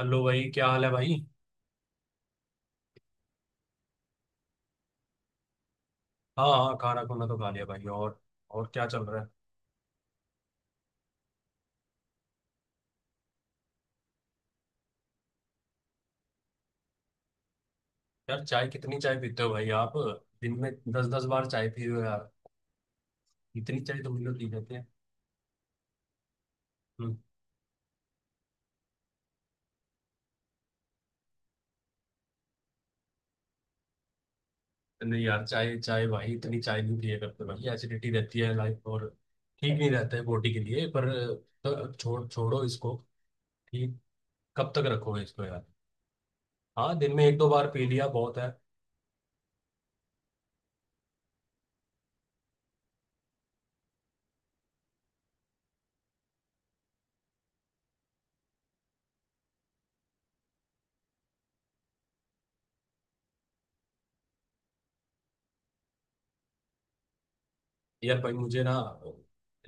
Hello भाई, क्या हाल है भाई? हाँ हाँ, खाना खुना तो खा लिया भाई। और क्या चल रहा है? यार, चाय कितनी चाय पीते हो भाई आप? दिन में दस दस बार चाय पी रहे हो यार। इतनी चाय तो मुझे पी जाते हैं। हम्म। नहीं यार, चाय चाय भाई इतनी चाय नहीं पिया करते भाई, एसिडिटी रहती है लाइफ और ठीक नहीं रहता है बॉडी के लिए। पर तो छोड़ो इसको। ठीक। कब तक रखोगे इसको यार? हाँ, दिन में एक दो बार पी लिया बहुत है। यार भाई मुझे ना,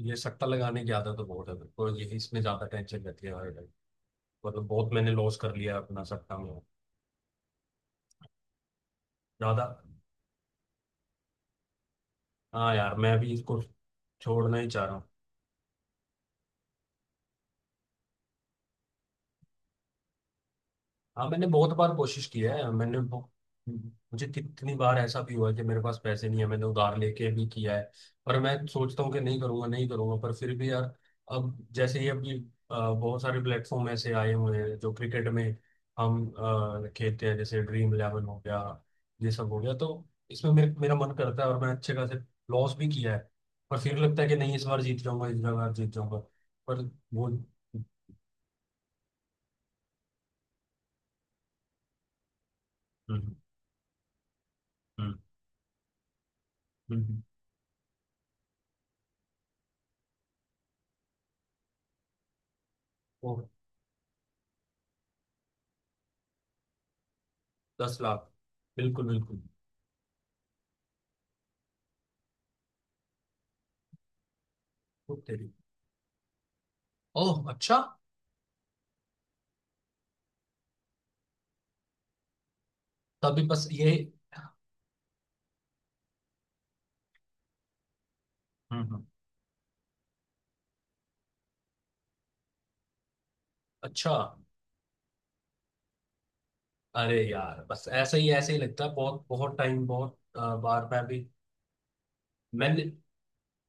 ये सट्टा लगाने की आदत तो बहुत है मेरे को, ये इसमें ज्यादा टेंशन रहती है भाई। मतलब बहुत मैंने लॉस कर लिया अपना सट्टा में। ज्यादा। हाँ यार, मैं अभी इसको छोड़ना ही चाह रहा हूँ। हाँ मैंने बहुत बार कोशिश की है, मुझे कितनी बार ऐसा भी हुआ है कि मेरे पास पैसे नहीं है, मैंने उधार लेके भी किया है। पर मैं सोचता हूँ कि नहीं करूंगा नहीं करूंगा, पर फिर भी यार, अब जैसे ही अभी बहुत सारे प्लेटफॉर्म ऐसे आए हुए हैं जो क्रिकेट में हम खेलते हैं, जैसे ड्रीम इलेवन हो गया, ये सब हो गया। तो इसमें मेरे मेरा मन करता है और मैं अच्छे खासे लॉस भी किया है। पर फिर लगता है कि नहीं, इस बार जीत जाऊंगा, इस बार जीत जाऊंगा, पर वो हम्म। हम्म। हम्म। 10 लाख। बिल्कुल बिल्कुल। वो तेरी। ओह अच्छा। तभी बस ये। हम्म। हम्म। अच्छा। अरे यार, बस ऐसे ही लगता है बहुत बहुत टाइम, बहुत बार मैं भी मैंने।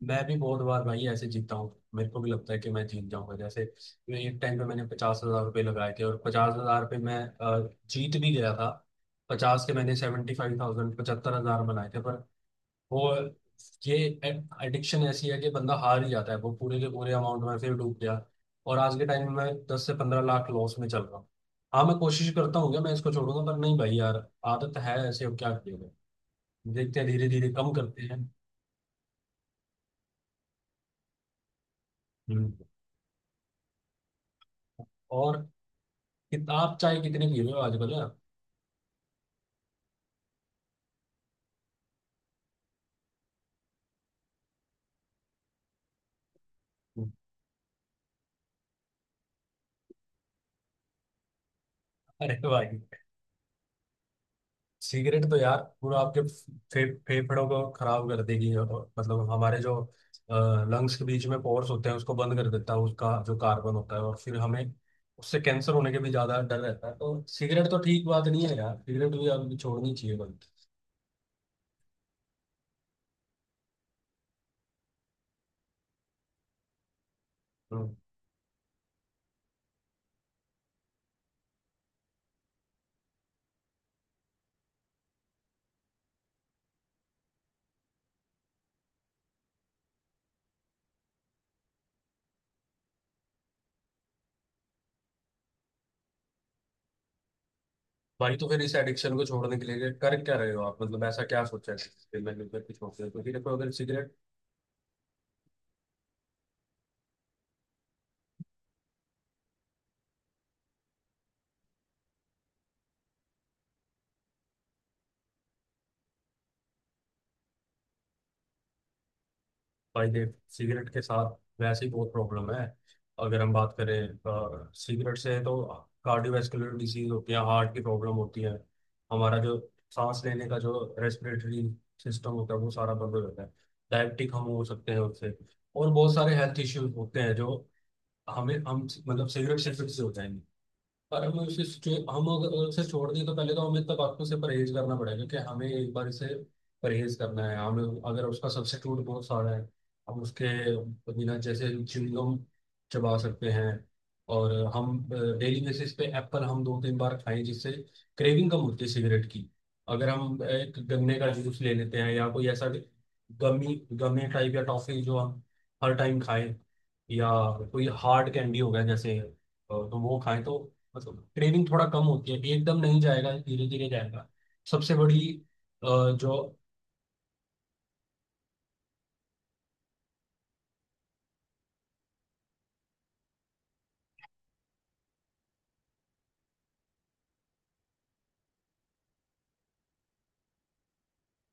मैं भी बहुत बार भाई ऐसे जीता हूँ, मेरे को भी लगता है कि मैं जीत जाऊंगा। जैसे मैं एक टाइम पे मैंने 50 हजार रुपये लगाए थे, और 50 हजार पे मैं जीत भी गया था। 50 के मैंने 75,000 75 हजार बनाए थे। पर वो, ये एडिक्शन ऐसी है कि बंदा हार ही जाता है, वो पूरे के पूरे अमाउंट में फिर डूब गया। और आज के टाइम में मैं 10 से 15 लाख लॉस में चल रहा हूँ। हाँ मैं कोशिश करता हूँ कि मैं इसको छोड़ूंगा, पर नहीं भाई यार, आदत है ऐसे, अब क्या करिएगा। देखते हैं, धीरे धीरे कम करते हैं। हम्म। और किताब चाहे कितनी पी रहे हो आजकल, हाँ? अरे भाई, सिगरेट तो यार पूरा आपके फेफड़ों को खराब कर देगी। और मतलब हमारे जो लंग्स के बीच में पोर्स होते हैं उसको बंद कर देता है, उसका जो कार्बन होता है। और फिर हमें उससे कैंसर होने के भी ज्यादा डर रहता है। तो सिगरेट तो ठीक बात नहीं है यार, सिगरेट भी आपको छोड़नी चाहिए बंद। हम्म। भाई तो फिर इस एडिक्शन को छोड़ने के लिए कर क्या रहे हो आप, मतलब ऐसा क्या सोचा है कि मैं सिगरेट को छोड़ दूं? क्योंकि देखो, अगर सिगरेट। भाई देख, सिगरेट के साथ वैसे ही बहुत प्रॉब्लम है। अगर हम बात करें सिगरेट से, तो कार्डियोवैस्कुलर डिजीज होती है, हार्ट की प्रॉब्लम होती है। हमारा जो सांस लेने का जो रेस्पिरेटरी सिस्टम होता है वो सारा बंद हो जाता है। डायबिटिक हम हो सकते हैं उससे। और बहुत सारे हेल्थ इश्यूज होते हैं जो हमें हम मतलब सिगरेट सिगरेट से हो जाएंगे। और हम उसे जो, हम अगर उसे छोड़ दें, तो पहले तो हमें तंबाकू से परहेज करना पड़ेगा, कि हमें एक बार इसे परहेज करना है हमें। अगर उसका सब्स्टिट्यूट बहुत सारा है, हम उसके बिना जैसे च्युइंगम चबा सकते हैं। और हम डेली बेसिस पे एप्पल हम 2-3 बार खाएं, जिससे क्रेविंग कम होती है सिगरेट की। अगर हम एक गन्ने का जूस ले लेते हैं, या कोई ऐसा गमी गमे टाइप या टॉफी जो हम हर टाइम खाएं, या कोई हार्ड कैंडी हो गया जैसे तो वो खाएं, तो मतलब क्रेविंग थोड़ा कम होती है। एकदम नहीं जाएगा, धीरे धीरे जाएगा। सबसे बड़ी जो,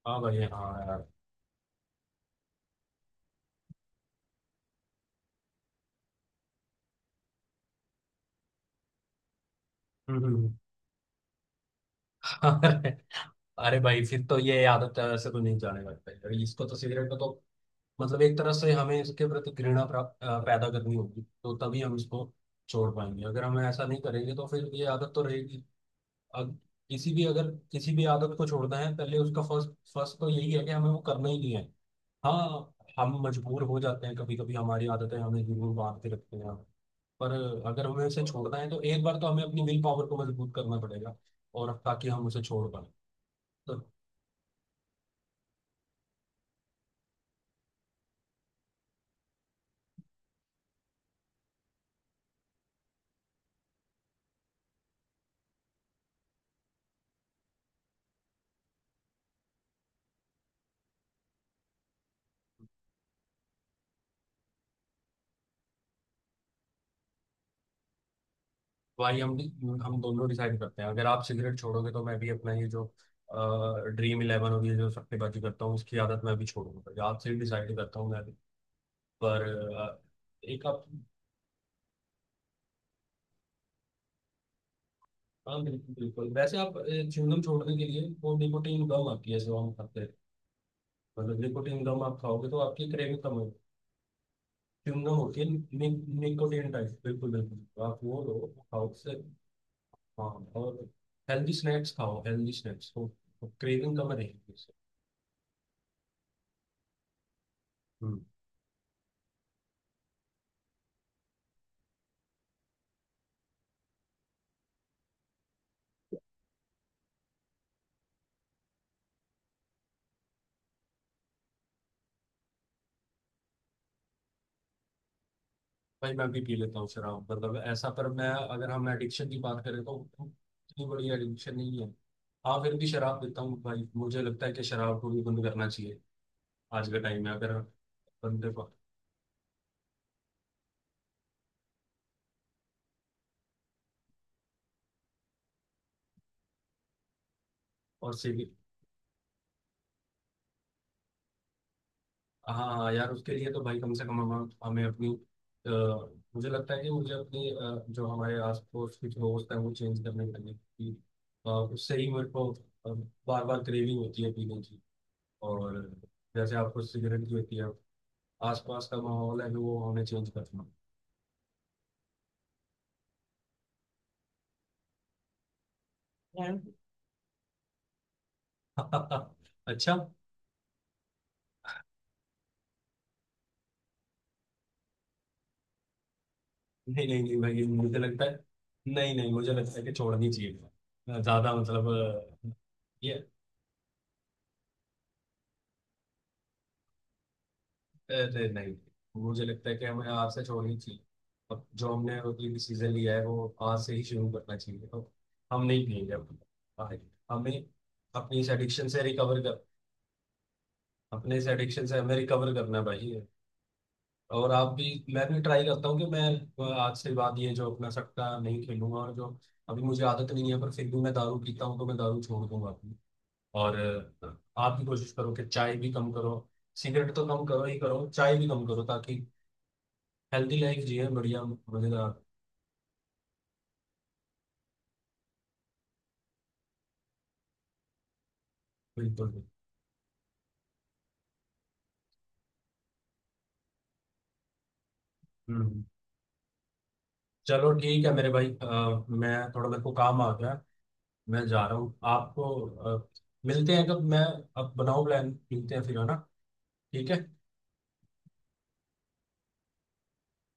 हाँ भाई हाँ यार। हम्म। हम्म। अरे अरे भाई, फिर तो ये आदत तो ऐसे तो नहीं जाने लगता है। अरे इसको तो, सिगरेट को तो मतलब एक तरह से हमें इसके प्रति घृणा प्राप्त पैदा करनी होगी, तो तभी हम इसको छोड़ पाएंगे। अगर हम ऐसा नहीं करेंगे तो फिर ये आदत तो रहेगी। अब किसी भी अगर किसी भी आदत को छोड़ना है, पहले उसका फर्स्ट फर्स्ट तो यही है कि हमें वो करना ही नहीं है। हाँ। हम मजबूर हो जाते हैं कभी कभी, हमारी आदतें हमें जरूर बांध के रखती हैं। पर अगर हमें उसे छोड़ना है तो एक बार तो हमें अपनी विल पावर को मजबूत करना पड़ेगा, और ताकि हम उसे छोड़ पाए। तो भाई हम दोनों डिसाइड करते हैं, अगर आप सिगरेट छोड़ोगे तो मैं भी अपना ये जो ड्रीम इलेवन और ये जो सट्टेबाजी करता हूँ उसकी आदत मैं भी छोड़ूंगा, तो आपसे ही डिसाइड करता हूँ मैं भी। पर अ, एक आप। हाँ बिल्कुल बिल्कुल। वैसे आप च्युइंगम छोड़ने के लिए वो निकोटीन गम आती है जो हम खाते हैं, मतलब निकोटीन गम आप खाओगे तो आपकी क्रेविंग कम होगी। च्युइंगम होती है निकोटीन टाइप। बिल्कुल बिल्कुल, तो आप वो लो, वो खाओ उससे। हाँ। और हेल्दी स्नैक्स खाओ, हेल्दी स्नैक्स तो क्रेविंग कम रहेगी उससे। हम्म। भाई मैं भी पी लेता हूँ शराब, मतलब ऐसा पर मैं, अगर हम एडिक्शन की बात करें तो, इतनी बड़ी एडिक्शन नहीं है। हाँ, फिर भी शराब पीता हूँ भाई, मुझे लगता है कि शराब को भी बंद करना चाहिए आज के टाइम में। अगर बंदे को। और सिगरेट। हाँ हाँ, यार उसके लिए तो भाई कम से कम हम हमें अपनी अ, मुझे लगता है कि मुझे अपनी जो हमारे आस पड़ोस के जो दोस्त हैं वो चेंज करने करने की उससे ही मेरे को बार बार क्रेविंग होती है पीने की। और जैसे आपको सिगरेट की होती है, आसपास का माहौल है वो हमें चेंज करना। हाँ। अच्छा। नहीं नहीं नहीं भाई, मुझे लगता है, नहीं नहीं, मुझे लगता है कि छोड़नी चाहिए ज्यादा, मतलब अ, ये। अरे नहीं, मुझे लगता है कि हमें आज से छोड़नी चाहिए। अब जो हमने अगली भी सीजन लिया है वो आज से ही शुरू करना चाहिए, तो हम नहीं पियेंगे अब भाई। हमें अपनी इस एडिक्शन से रिकवर कर, अपने इस एडिक्शन से हमें रिकवर करना है भाई। और आप भी, मैं भी ट्राई करता हूँ कि मैं आज से बाद ये जो अपना सट्टा नहीं खेलूंगा। और जो अभी मुझे आदत नहीं है पर फिर भी मैं दारू पीता हूँ, तो मैं दारू छोड़ दूंगा अपनी। और आप भी कोशिश करो कि चाय भी कम करो, सिगरेट तो कम करो ही करो, चाय भी कम करो, ताकि हेल्दी लाइफ जिए, बढ़िया मजेदार। बिल्कुल भी। हम्म। चलो ठीक है मेरे भाई, मैं थोड़ा, मेरे को काम आ गया, मैं जा रहा हूँ आपको। अ, मिलते हैं कब? मैं, अब बनाओ प्लान, मिलते हैं फिर, है ना? ठीक है।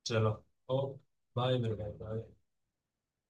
चलो। ओके। बाय मेरे भाई, बाय।